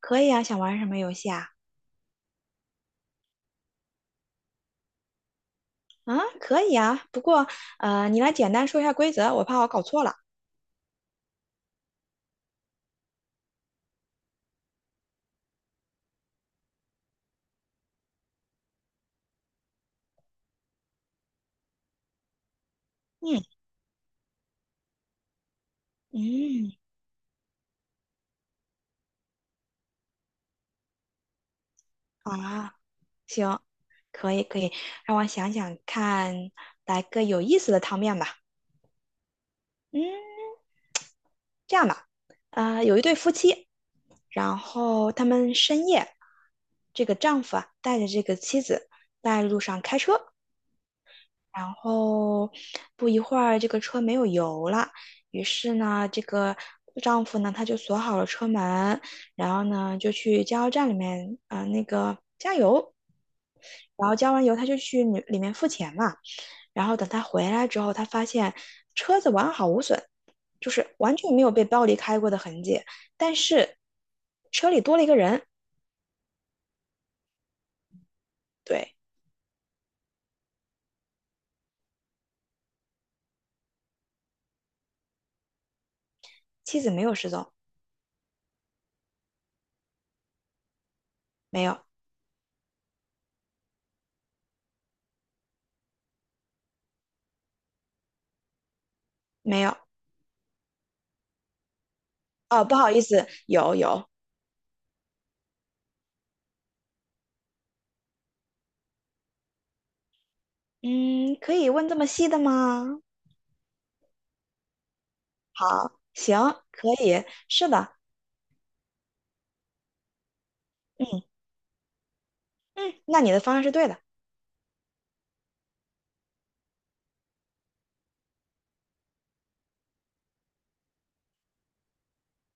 可以啊，想玩什么游戏啊？啊，可以啊，不过你来简单说一下规则，我怕我搞错了。嗯嗯，好啊，行，可以可以，让我想想看，来个有意思的汤面吧。嗯，这样吧，有一对夫妻，然后他们深夜，这个丈夫啊带着这个妻子在路上开车，然后不一会儿，这个车没有油了。于是呢，这个丈夫呢，他就锁好了车门，然后呢，就去加油站里面那个加油，然后加完油，他就去里面付钱嘛。然后等他回来之后，他发现车子完好无损，就是完全没有被暴力开过的痕迹，但是车里多了一个人。对，妻子没有失踪，没有，没有。哦，不好意思，有有。嗯，可以问这么细的吗？好，行，可以，是的，嗯嗯，那你的方案是对的，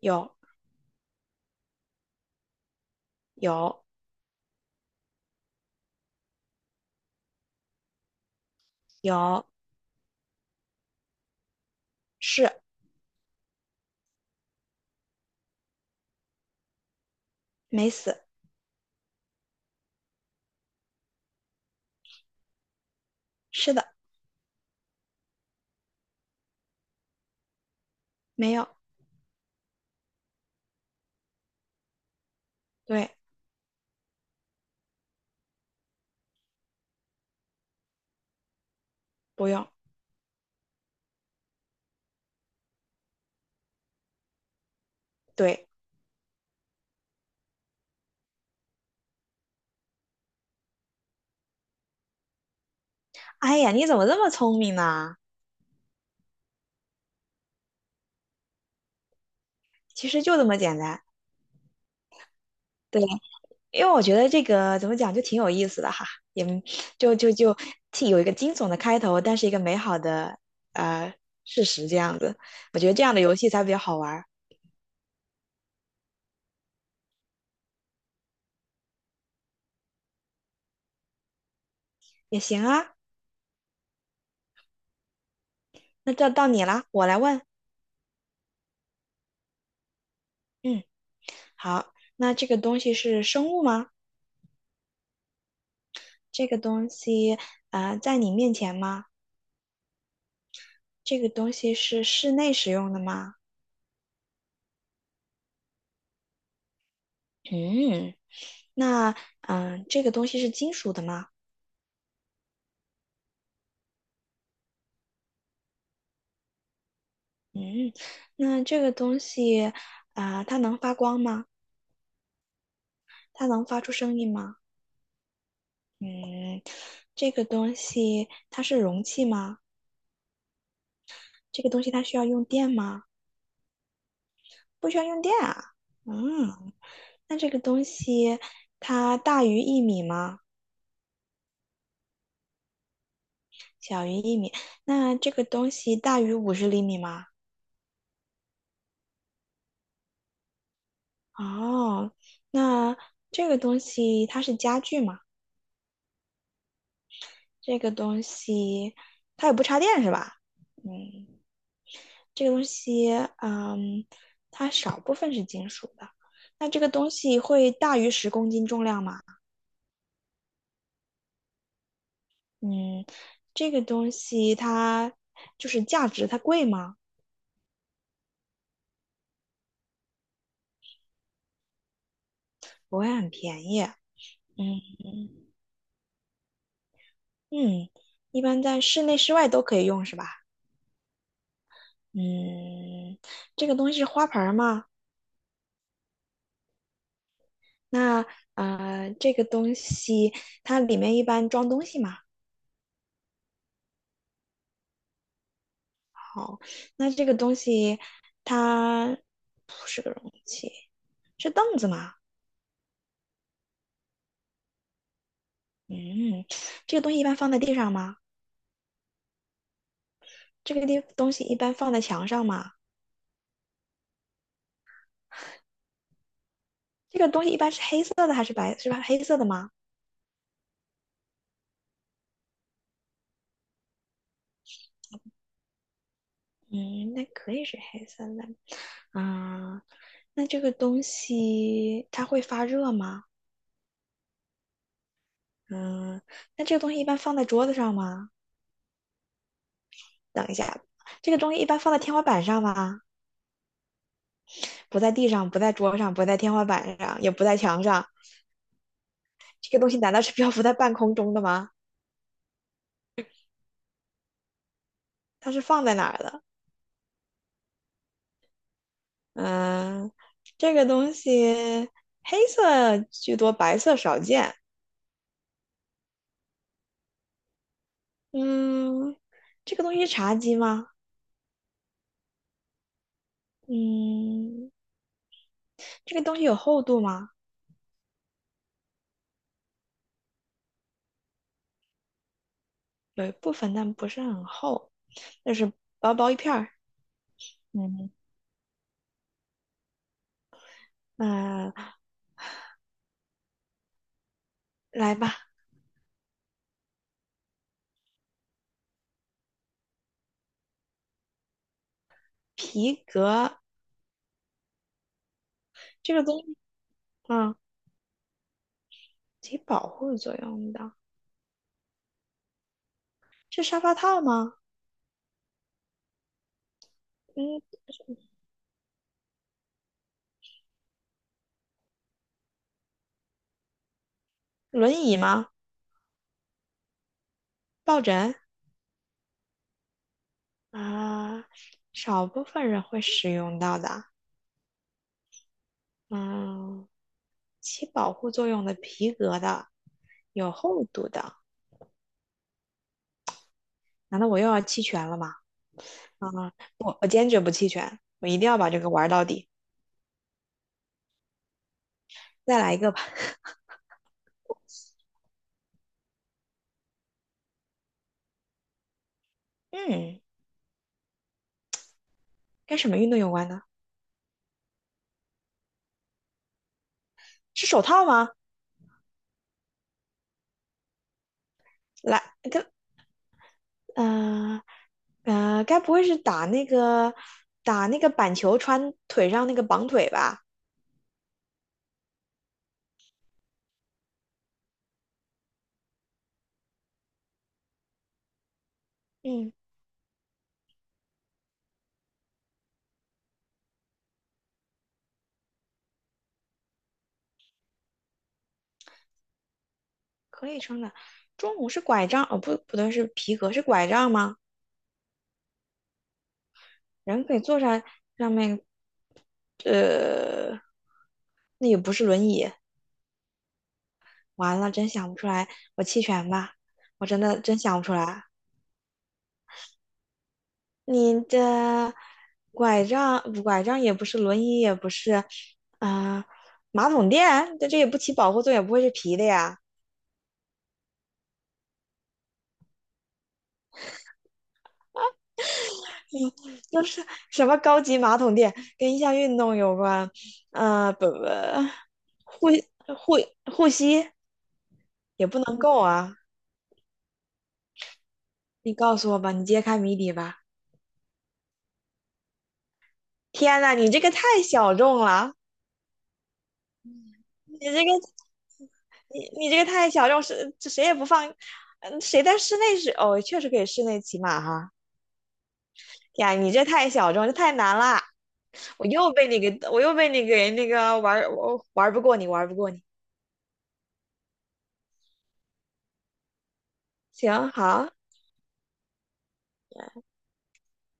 有有有，是没死，是的，没有，对，不用，对。哎呀，你怎么这么聪明呢？其实就这么简单。对，因为我觉得这个怎么讲就挺有意思的哈，也就既有一个惊悚的开头，但是一个美好的呃事实这样子，我觉得这样的游戏才比较好玩儿，也行啊。那到你啦，我来问。嗯，好，那这个东西是生物吗？这个东西啊，在你面前吗？这个东西是室内使用的吗？嗯，那这个东西是金属的吗？嗯，那这个东西它能发光吗？它能发出声音吗？嗯，这个东西它是容器吗？这个东西它需要用电吗？不需要用电啊。嗯，那这个东西它大于一米吗？小于一米。那这个东西大于五十厘米吗？哦，那这个东西它是家具吗？这个东西它也不插电是吧？嗯，这个东西，嗯，它少部分是金属的。那这个东西会大于十公斤重量吗？嗯，这个东西它就是价值，它贵吗？不会很便宜。嗯，嗯，一般在室内、室外都可以用，是吧？嗯，这个东西是花盆儿吗？那这个东西它里面一般装东西吗？好，那这个东西它是凳子吗？嗯，这个东西一般放在地上吗？这个地东西一般放在墙上吗？这个东西一般是黑色的还是白，是吧？黑色的吗？嗯，那可以是黑色的。啊、那这个东西它会发热吗？嗯，那这个东西一般放在桌子上吗？等一下，这个东西一般放在天花板上吗？不在地上，不在桌上，不在天花板上，也不在墙上。这个东西难道是 漂浮在半空中的吗？它是放在哪儿的？嗯，这个东西黑色居多，白色少见。嗯，这个东西是茶几吗？嗯，这个东西有厚度吗？有一部分，但不是很厚，就是薄薄一片儿。嗯，那、来吧。皮革这个东西啊，起保护作用的，是沙发套吗？嗯，轮椅吗？抱枕啊，少部分人会使用到的。嗯，起保护作用的皮革的，有厚度的。难道我又要弃权了吗？啊，我坚决不弃权，我一定要把这个玩到底。再来一个吧。嗯，跟什么运动有关呢？是手套吗？来，跟嗯、呃该不会是打那个打那个板球穿腿上那个绑腿吧？嗯，可以穿的。中午是拐杖，哦不，不对，是皮革，是拐杖吗？人可以坐上上面，呃，那也不是轮椅。完了，真想不出来，我弃权吧，我真的真想不出来。你的拐杖，拐杖也不是，轮椅也不是，啊、马桶垫，这也不起保护作用，也不会是皮的呀。嗯，又是什么高级马桶垫，跟一项运动有关，不不，护护护膝也不能够啊！你告诉我吧，你揭开谜底吧！天呐，你这个太小众了，你这个你这个太小众，是这谁也不放。嗯，谁在室内是哦，确实可以室内骑马哈。呀，你这太小众，这太难了，我又被你给，我又被你给那个玩儿，我玩不过你，玩不过你。行，好。